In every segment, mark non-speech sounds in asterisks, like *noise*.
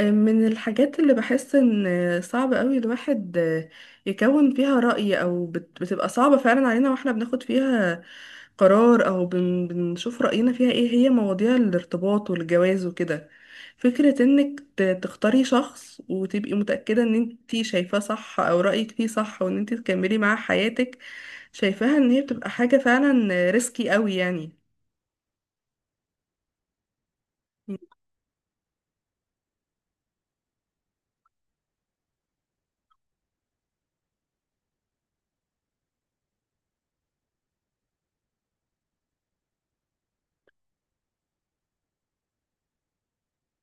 من الحاجات اللي بحس ان صعب قوي الواحد يكون فيها رأي او بتبقى صعبة فعلا علينا واحنا بناخد فيها قرار او بنشوف رأينا فيها ايه، هي مواضيع الارتباط والجواز وكده. فكرة انك تختاري شخص وتبقي متأكدة ان انتي شايفاه صح او رأيك فيه صح، وان انتي تكملي معاه حياتك، شايفاها ان هي بتبقى حاجة فعلا ريسكي قوي يعني.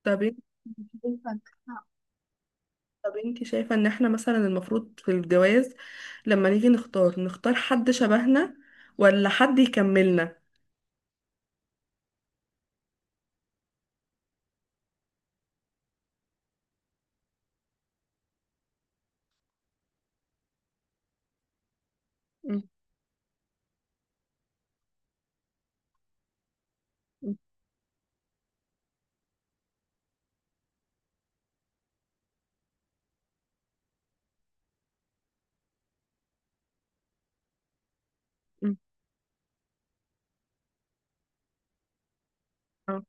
طب انت طب انت شايفة ان احنا مثلا المفروض في الجواز لما نيجي نختار، نختار حد شبهنا ولا حد يكملنا؟ مم. مم. مم. اه.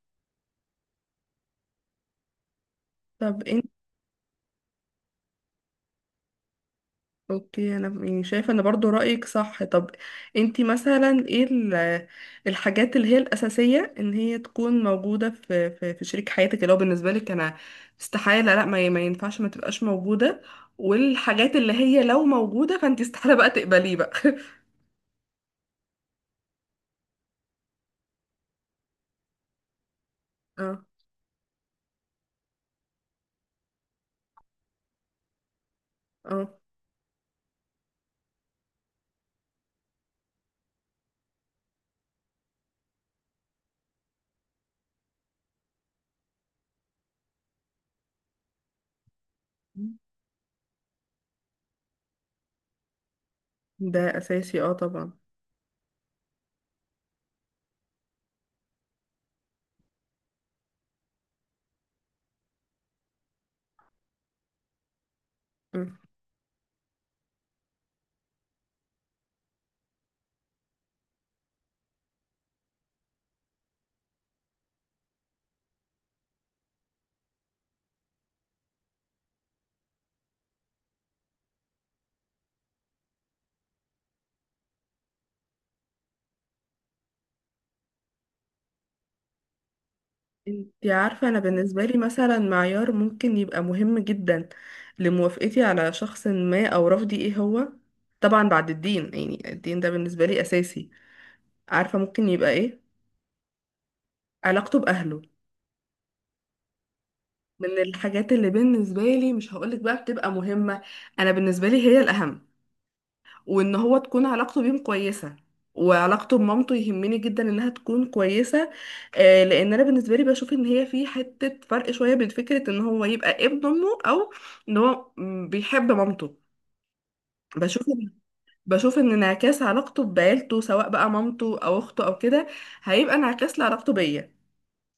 طب انت، اوكي، انا يعني شايفة ان برضو رأيك صح. طب انت مثلا ايه الحاجات اللي هي الأساسية ان هي تكون موجودة في شريك حياتك، اللي هو بالنسبة لك انا استحالة، لا ما, ي- ما ينفعش ما تبقاش موجودة؟ والحاجات اللي هي لو موجودة فانت استحالة بقى تقبليه بقى؟ *laughs* اه، اه، ده أساسي، اه طبعا. مم. انتي عارفة، أنا بالنسبة لي مثلا معيار ممكن يبقى مهم جدا لموافقتي على شخص ما أو رفضي ايه هو؟ طبعا بعد الدين، يعني الدين ده بالنسبة لي أساسي. عارفة ممكن يبقى ايه؟ علاقته بأهله. من الحاجات اللي بالنسبة لي مش هقولك بقى بتبقى مهمة، أنا بالنسبة لي هي الأهم، وان هو تكون علاقته بيهم كويسه، وعلاقته بمامته يهمني جدا انها تكون كويسه. لان انا بالنسبه لي بشوف ان هي في حته فرق شويه بين فكره ان هو يبقى ابن امه، او ان هو بيحب مامته. بشوف إن- بشوف ان انعكاس علاقته بعيلته، سواء بقى مامته او اخته او كده، هيبقى انعكاس لعلاقته بيا.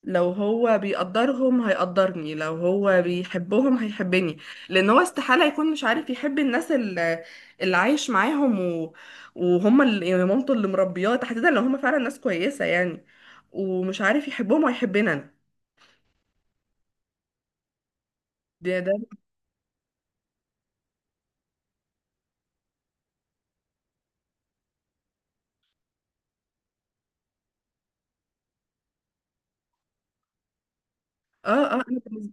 لو هو بيقدرهم هيقدرني، لو هو بيحبهم هيحبني. لان هو استحالة يكون مش عارف يحب اللي عايش معاهم وهم اللي، يعني مامته اللي مربياه تحديدا، لو هم فعلا ناس كويسة يعني، ومش عارف يحبهم وهيحبني انا. ده اه، اه،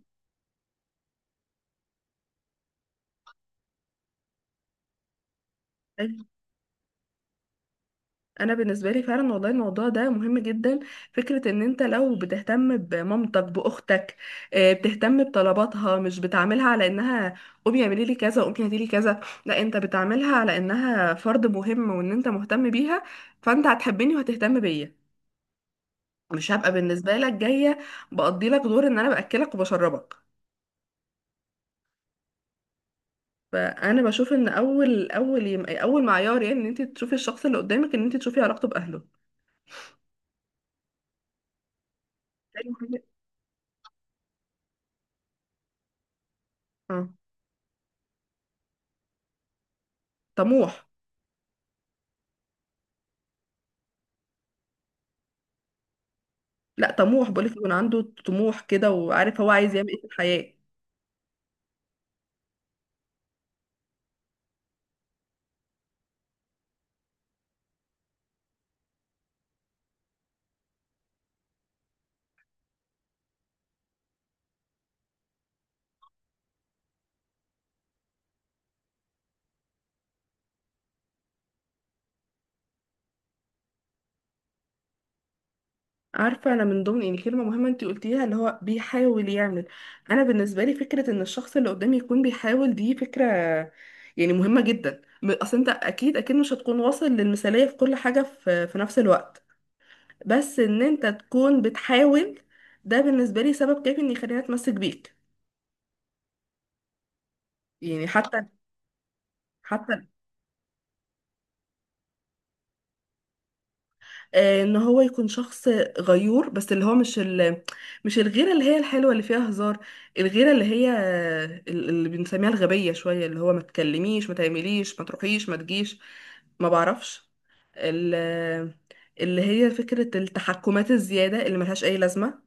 انا بالنسبه لي فعلا والله الموضوع ده مهم جدا. فكره ان انت لو بتهتم بمامتك، باختك، بتهتم بطلباتها، مش بتعاملها على انها قومي اعملي لي كذا، قومي هاتي لي كذا، لا، انت بتعاملها على انها فرد مهم، وان انت مهتم بيها، فانت هتحبني وهتهتم بيا. مش هبقى بالنسبه لك جايه بقضي لك دور ان انا باكلك وبشربك. فانا بشوف ان اول معيار، يعني ان انت تشوفي الشخص اللي قدامك، ان انت تشوفي علاقته باهله. تاني حاجة- اه طموح. لا طموح بقولك، يكون عنده طموح كده، وعارف هو عايز يعمل ايه في الحياة. عارفة، أنا من ضمن يعني كلمة مهمة أنت قلتيها اللي هو بيحاول يعمل. أنا بالنسبة لي فكرة إن الشخص اللي قدامي يكون بيحاول، دي فكرة يعني مهمة جدا. أصل أنت أكيد أكيد مش هتكون واصل للمثالية في كل حاجة، في, في نفس الوقت بس إن أنت تكون بتحاول، ده بالنسبة لي سبب كافي إن يخليني أتمسك بيك. يعني حتى حتى ان هو يكون شخص غيور، بس اللي هو مش مش الغيره اللي هي الحلوه اللي فيها هزار. الغيره اللي هي اللي بنسميها الغبيه شويه، اللي هو ما تكلميش ما تعمليش ما تروحيش ما تجيش، ما بعرفش ال... آه، اللي هي فكره التحكمات الزياده اللي ملهاش اي لازمه.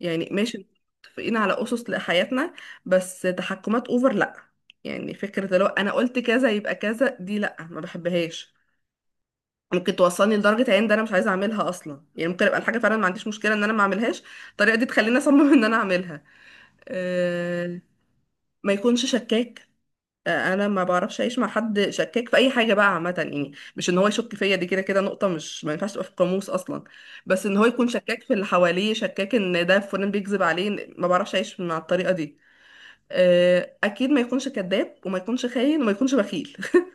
يعني ماشي، متفقين على اسس لحياتنا، بس تحكمات اوفر لا. يعني فكره لو انا قلت كذا يبقى كذا، دي لا، ما بحبهاش. ممكن توصلني لدرجة عين ده انا مش عايزة اعملها اصلا، يعني ممكن ابقى الحاجة فعلا ما عنديش مشكلة ان انا ما اعملهاش، الطريقة دي تخليني اصمم *laughs* ان انا اعملها. أه. ما يكونش شكاك، انا ما بعرفش اعيش مع حد شكاك في اي حاجة بقى عامة يعني. مش ان هو يشك فيا، دي كده كده نقطة مش، ما ينفعش تبقى في القاموس اصلا. بس ان هو يكون شكاك في اللي حواليه، شكاك ان ده فلان بيكذب عليه، ما بعرفش اعيش مع الطريقة دي. اكيد ما يكونش كذاب، وما يكونش خاين، وما يكونش بخيل *laughs*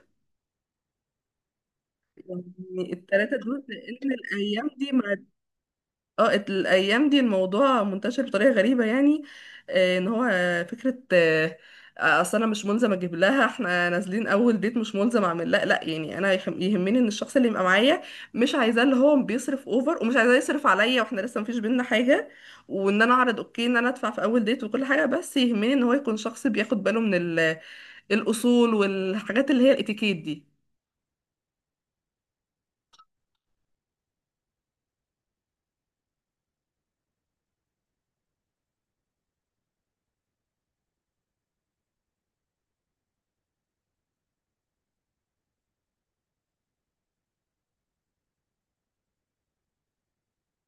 يعني التلاتة دول، لان الايام دي مع، اه، الايام دي الموضوع منتشر بطريقه غريبه يعني. آه، ان هو آه، فكره آه، آه، اصل انا مش ملزم اجيب لها، احنا نازلين اول ديت مش ملزم اعمل، لا لا، يعني انا يهمني ان الشخص اللي يبقى معايا، مش عايزاه اللي هو بيصرف اوفر، ومش عايزاه يصرف عليا واحنا لسه مفيش بينا حاجه. وان انا اعرض اوكي ان انا ادفع في اول ديت وكل حاجه، بس يهمني ان هو يكون شخص بياخد باله من الاصول والحاجات اللي هي الاتيكيت دي.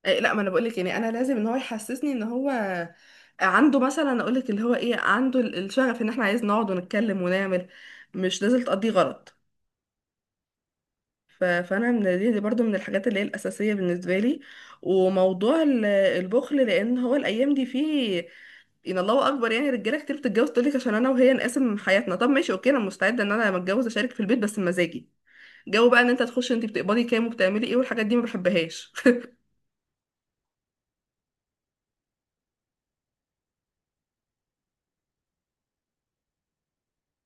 لا، ما انا بقولك يعني انا لازم ان هو يحسسني ان هو عنده مثلا، اقولك اللي هو ايه، عنده الشغف ان احنا عايز نقعد ونتكلم ونعمل، مش لازم تقضي غلط. فانا دي برضو من الحاجات اللي هي الاساسيه بالنسبه لي. وموضوع البخل، لان هو الايام دي فيه، ان الله اكبر يعني، رجاله كتير بتتجوز تقولك عشان انا وهي نقاسم حياتنا. طب ماشي اوكي، انا مستعده ان انا لما اتجوز اشارك في البيت، بس بمزاجي. جو بقى ان انت تخش انت بتقبضي كام وبتعملي ايه والحاجات دي، ما بحبهاش.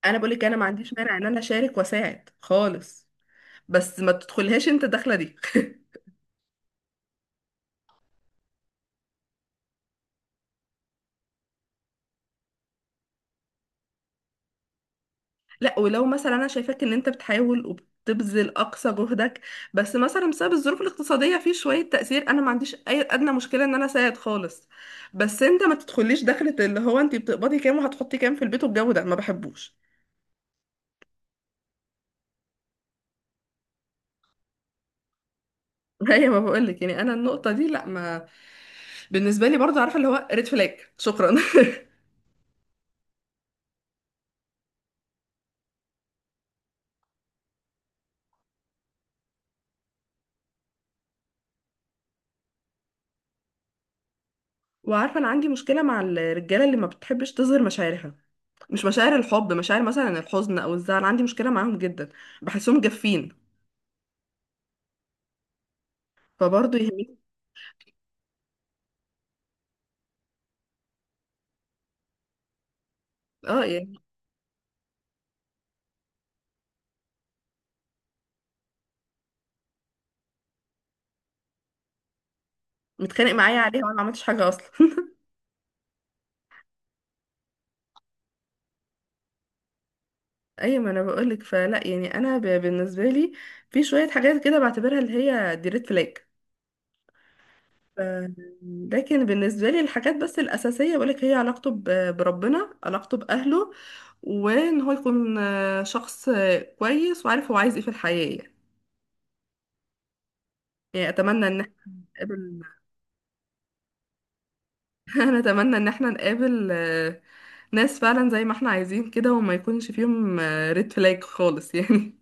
انا بقول لك انا ما عنديش مانع ان انا اشارك واساعد خالص، بس ما تدخلهاش انت الدخله دي *laughs* لا، ولو مثلا انا شايفاك ان انت بتحاول وبتبذل اقصى جهدك، بس مثلا بسبب الظروف الاقتصاديه في شويه تاثير، انا ما عنديش اي ادنى مشكله ان انا اساعد خالص. بس انت ما تدخليش دخله اللي هو انت بتقبضي كام وهتحطي كام في البيت، والجو ده ما بحبوش. *laughs* هي ما بقول لك، يعني انا النقطه دي لا، ما بالنسبه لي برضه عارفه اللي هو ريد فلاج، شكرا. *laughs* وعارفه انا عندي مشكله مع الرجاله اللي ما بتحبش تظهر مشاعرها. مش مشاعر الحب، مشاعر مثلا الحزن او الزعل، عندي مشكله معاهم جدا، بحسهم جافين. فبرضه يهمني. اه يعني متخانق معايا عليها وانا ما عملتش حاجه اصلا *laughs* ايوه، ما انا بقولك، فلا يعني انا بالنسبه لي في شويه حاجات كده بعتبرها اللي هي دي ريد فلاج. ف- لكن بالنسبه لي الحاجات بس الاساسيه بقولك، هي علاقته بربنا، علاقته باهله، وان هو يكون شخص كويس وعارف هو عايز ايه في الحياه يعني. يعني اتمنى ان احنا نقابل. *laughs* انا اتمنى ان احنا نقابل ناس فعلا زي ما احنا عايزين كده، وما يكونش فيهم ريد فلاج خالص يعني.